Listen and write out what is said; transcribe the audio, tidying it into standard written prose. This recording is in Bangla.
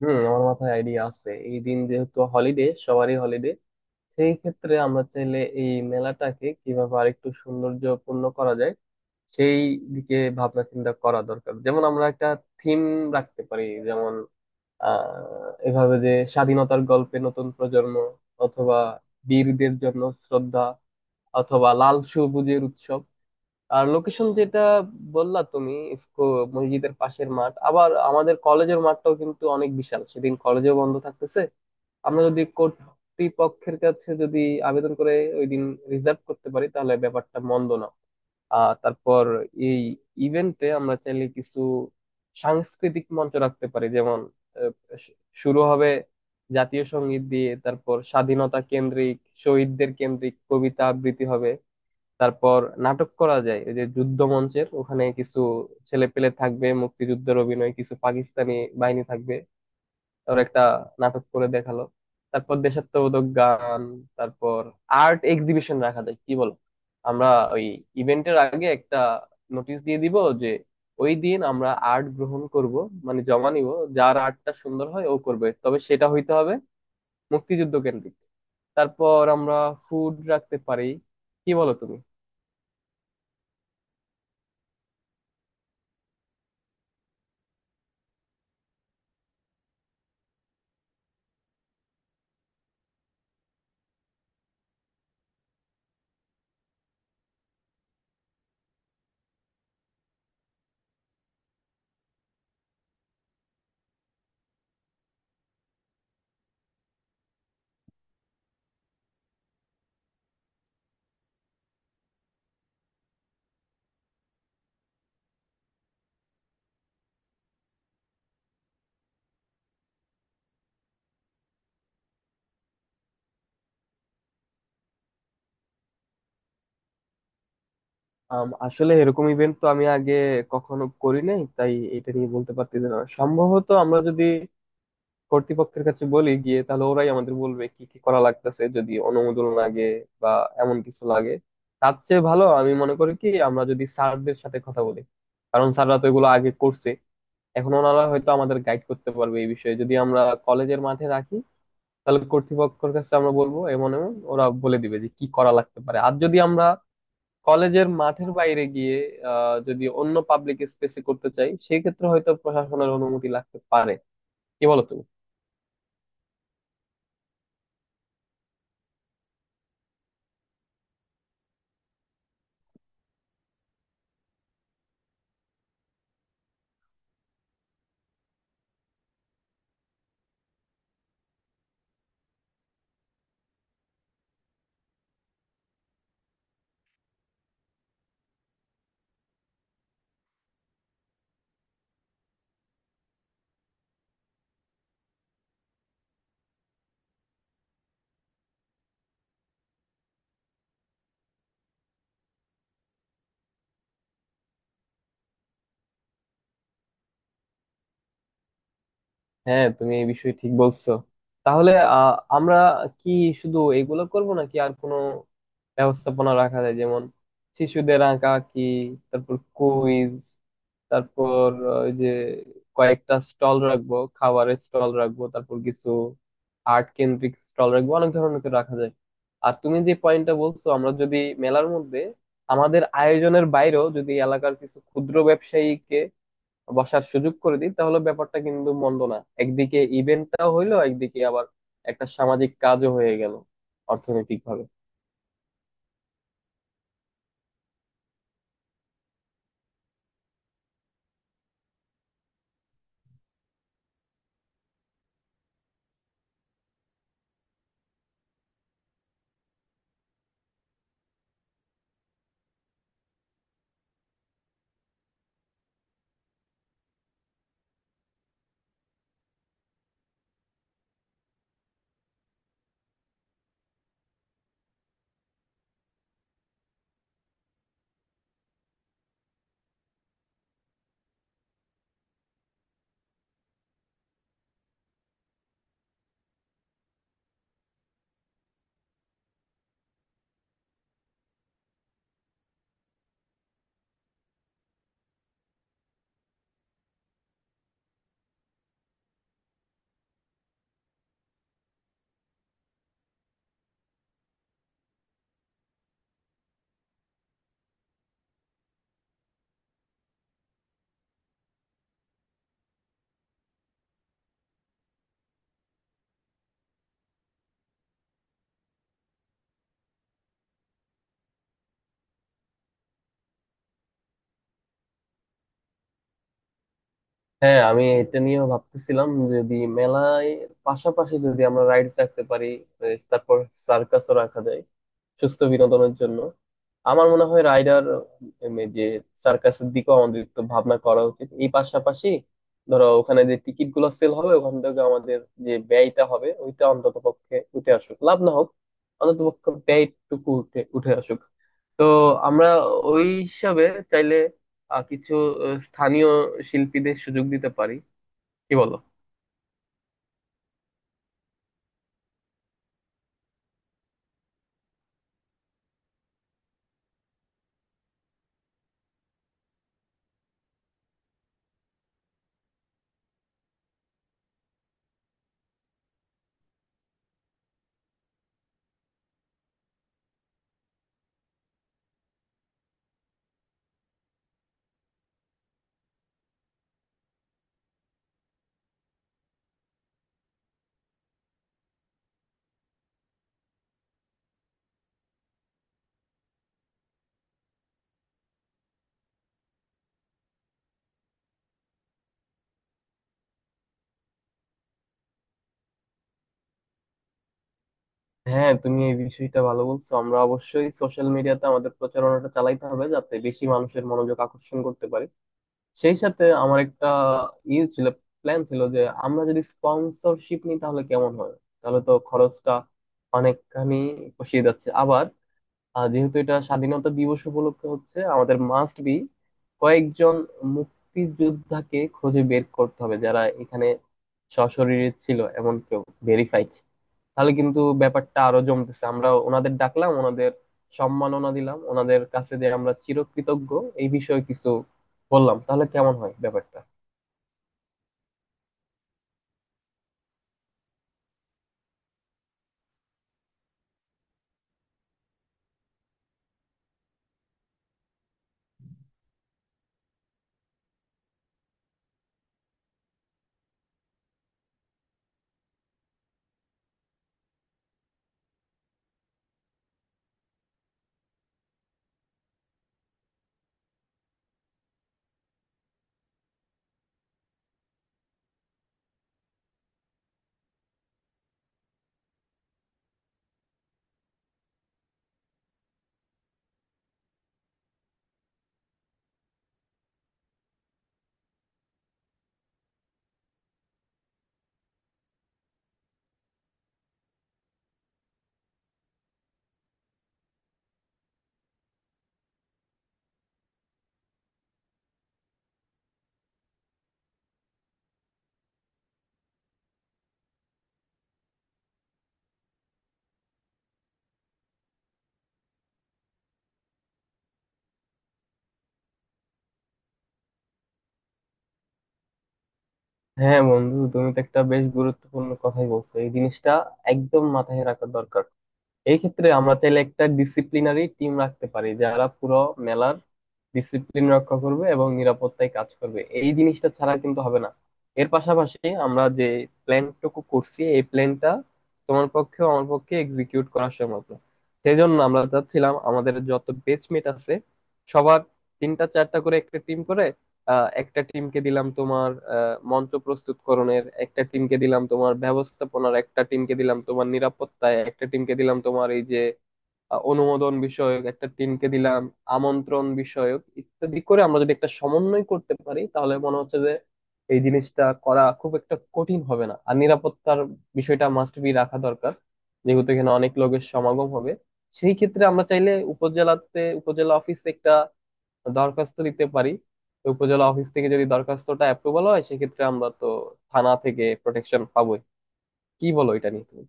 হুম, আমার মাথায় আইডিয়া আছে। এই দিন যেহেতু হলিডে, সবারই হলিডে, সেই ক্ষেত্রে আমরা চাইলে এই মেলাটাকে কিভাবে আরেকটু সৌন্দর্যপূর্ণ করা যায় সেই দিকে ভাবনা চিন্তা করা দরকার। যেমন আমরা একটা থিম রাখতে পারি, যেমন এভাবে যে, স্বাধীনতার গল্পে নতুন প্রজন্ম, অথবা বীরদের জন্য শ্রদ্ধা, অথবা লাল সবুজের উৎসব। আর লোকেশন যেটা বললা তুমি, ইফকো মসজিদের পাশের মাঠ, আবার আমাদের কলেজের মাঠটাও কিন্তু অনেক বিশাল, সেদিন কলেজেও বন্ধ থাকতেছে। আমরা যদি কর্তৃপক্ষের কাছে যদি আবেদন করে ওই দিন রিজার্ভ করতে পারি, তাহলে ব্যাপারটা মন্দ না। আর তারপর এই ইভেন্টে আমরা চাইলে কিছু সাংস্কৃতিক মঞ্চ রাখতে পারি, যেমন আহ, শু- শুরু হবে জাতীয় সঙ্গীত দিয়ে, তারপর স্বাধীনতা কেন্দ্রিক, শহীদদের কেন্দ্রিক কবিতা আবৃত্তি হবে। তারপর নাটক করা যায়, ওই যে যুদ্ধ মঞ্চের ওখানে কিছু ছেলে পেলে থাকবে, মুক্তিযুদ্ধের অভিনয়, কিছু পাকিস্তানি বাহিনী থাকবে, ওর একটা নাটক করে দেখালো। তারপর দেশাত্মবোধক গান, তারপর আর্ট এক্সিবিশন রাখা যায়, কি বলো? আমরা ওই ইভেন্টের আগে একটা নোটিশ দিয়ে দিব যে ওই দিন আমরা আর্ট গ্রহণ করব, মানে জমা নিব। যার আর্টটা সুন্দর হয় ও করবে, তবে সেটা হইতে হবে মুক্তিযুদ্ধ কেন্দ্রিক। তারপর আমরা ফুড রাখতে পারি, কি বলো তুমি? আসলে এরকম ইভেন্ট তো আমি আগে কখনো করি নাই, তাই এটা নিয়ে বলতে পারতেছি না। সম্ভবত আমরা যদি কর্তৃপক্ষের কাছে বলি গিয়ে, তাহলে ওরাই আমাদের বলবে কি কি করা লাগতেছে, যদি অনুমোদন লাগে বা এমন কিছু লাগে। তার চেয়ে ভালো আমি মনে করি কি, আমরা যদি স্যারদের সাথে কথা বলি, কারণ স্যাররা তো এগুলো আগে করছে, এখন ওনারা হয়তো আমাদের গাইড করতে পারবে এই বিষয়ে। যদি আমরা কলেজের মাঠে রাখি, তাহলে কর্তৃপক্ষের কাছে আমরা বলবো, এমন এমন ওরা বলে দিবে যে কি করা লাগতে পারে। আর যদি আমরা কলেজের মাঠের বাইরে গিয়ে যদি অন্য পাবলিক স্পেসে করতে চাই, সেক্ষেত্রে হয়তো প্রশাসনের অনুমতি লাগতে পারে। কি বলো তুমি? হ্যাঁ, তুমি এই বিষয়ে ঠিক বলছো। তাহলে আমরা কি শুধু এগুলো করব নাকি আর কোনো ব্যবস্থাপনা রাখা যায়, যেমন শিশুদের আঁকা কি, তারপর কুইজ, তারপর ওই যে কয়েকটা স্টল রাখবো, খাবারের স্টল রাখবো, তারপর কিছু আর্ট কেন্দ্রিক স্টল রাখবো। অনেক ধরনের তো রাখা যায়। আর তুমি যে পয়েন্টটা বলছো, আমরা যদি মেলার মধ্যে আমাদের আয়োজনের বাইরেও যদি এলাকার কিছু ক্ষুদ্র ব্যবসায়ীকে বসার সুযোগ করে দিই, তাহলে ব্যাপারটা কিন্তু মন্দ না। একদিকে ইভেন্টটাও হইলো, একদিকে আবার একটা সামাজিক কাজও হয়ে গেল, অর্থনৈতিক ভাবে। হ্যাঁ, আমি এটা নিয়েও ভাবতেছিলাম, যদি মেলায় পাশাপাশি যদি আমরা রাইডস রাখতে পারি, তারপর সার্কাসও রাখা যায় সুস্থ বিনোদনের জন্য। আমার মনে হয় রাইডার, এই যে সার্কাসের দিকেও আমাদের একটু ভাবনা করা উচিত। এই পাশাপাশি ধরো ওখানে যে টিকিট গুলো সেল হবে ওখান থেকে আমাদের যে ব্যয়টা হবে ওইটা অন্তত পক্ষে উঠে আসুক, লাভ না হোক অন্তত পক্ষে ব্যয়টুকু উঠে উঠে আসুক। তো আমরা ওই হিসাবে চাইলে কিছু স্থানীয় শিল্পীদের সুযোগ দিতে পারি, কি বলো? হ্যাঁ, তুমি এই বিষয়টা ভালো বলছো। আমরা অবশ্যই সোশ্যাল মিডিয়াতে আমাদের প্রচারণাটা চালাইতে হবে যাতে বেশি মানুষের মনোযোগ আকর্ষণ করতে পারি। সেই সাথে আমার একটা ইয়ে ছিল, প্ল্যান ছিল যে আমরা যদি স্পন্সরশিপ নিই তাহলে কেমন হয়? তাহলে তো খরচটা অনেকখানি পোষিয়ে যাচ্ছে। আবার যেহেতু এটা স্বাধীনতা দিবস উপলক্ষে হচ্ছে, আমাদের মাস্ট বি কয়েকজন মুক্তিযোদ্ধাকে খুঁজে বের করতে হবে যারা এখানে সশরীরে ছিল, এমন কেউ ভেরিফাইড। তাহলে কিন্তু ব্যাপারটা আরো জমতেছে। আমরা ওনাদের ডাকলাম, ওনাদের সম্মাননা দিলাম, ওনাদের কাছে যে আমরা চিরকৃতজ্ঞ এই বিষয়ে কিছু বললাম, তাহলে কেমন হয় ব্যাপারটা? হ্যাঁ বন্ধু, তুমি তো একটা বেশ গুরুত্বপূর্ণ কথাই বলছো। এই জিনিসটা একদম মাথায় রাখা দরকার। এই ক্ষেত্রে আমরা চাইলে একটা ডিসিপ্লিনারি টিম রাখতে পারি, যারা পুরো মেলার ডিসিপ্লিন রক্ষা করবে এবং নিরাপত্তায় কাজ করবে। এই জিনিসটা ছাড়া কিন্তু হবে না। এর পাশাপাশি আমরা যে প্ল্যানটুকু করছি, এই প্ল্যানটা তোমার পক্ষে আমার পক্ষে এক্সিকিউট করা সম্ভব না। সেই জন্য আমরা চাচ্ছিলাম আমাদের যত বেচমেট আছে সবার তিনটা চারটা করে একটা টিম করে, একটা টিমকে দিলাম তোমার মঞ্চ প্রস্তুতকরণের, একটা টিমকে দিলাম তোমার ব্যবস্থাপনার, একটা টিমকে দিলাম তোমার নিরাপত্তায়, একটা টিমকে দিলাম তোমার এই যে অনুমোদন বিষয়ক, একটা টিমকে দিলাম আমন্ত্রণ বিষয়ক, ইত্যাদি করে আমরা যদি একটা সমন্বয় করতে পারি, তাহলে মনে হচ্ছে যে এই জিনিসটা করা খুব একটা কঠিন হবে না। আর নিরাপত্তার বিষয়টা মাস্ট বি রাখা দরকার, যেহেতু এখানে অনেক লোকের সমাগম হবে। সেই ক্ষেত্রে আমরা চাইলে উপজেলাতে, উপজেলা অফিস একটা দরখাস্ত দিতে পারি। তো উপজেলা অফিস থেকে যদি দরখাস্তটা অ্যাপ্রুভাল হয়, সেক্ষেত্রে আমরা তো থানা থেকে প্রোটেকশন পাবোই। কি বলো এটা নিয়ে তুমি?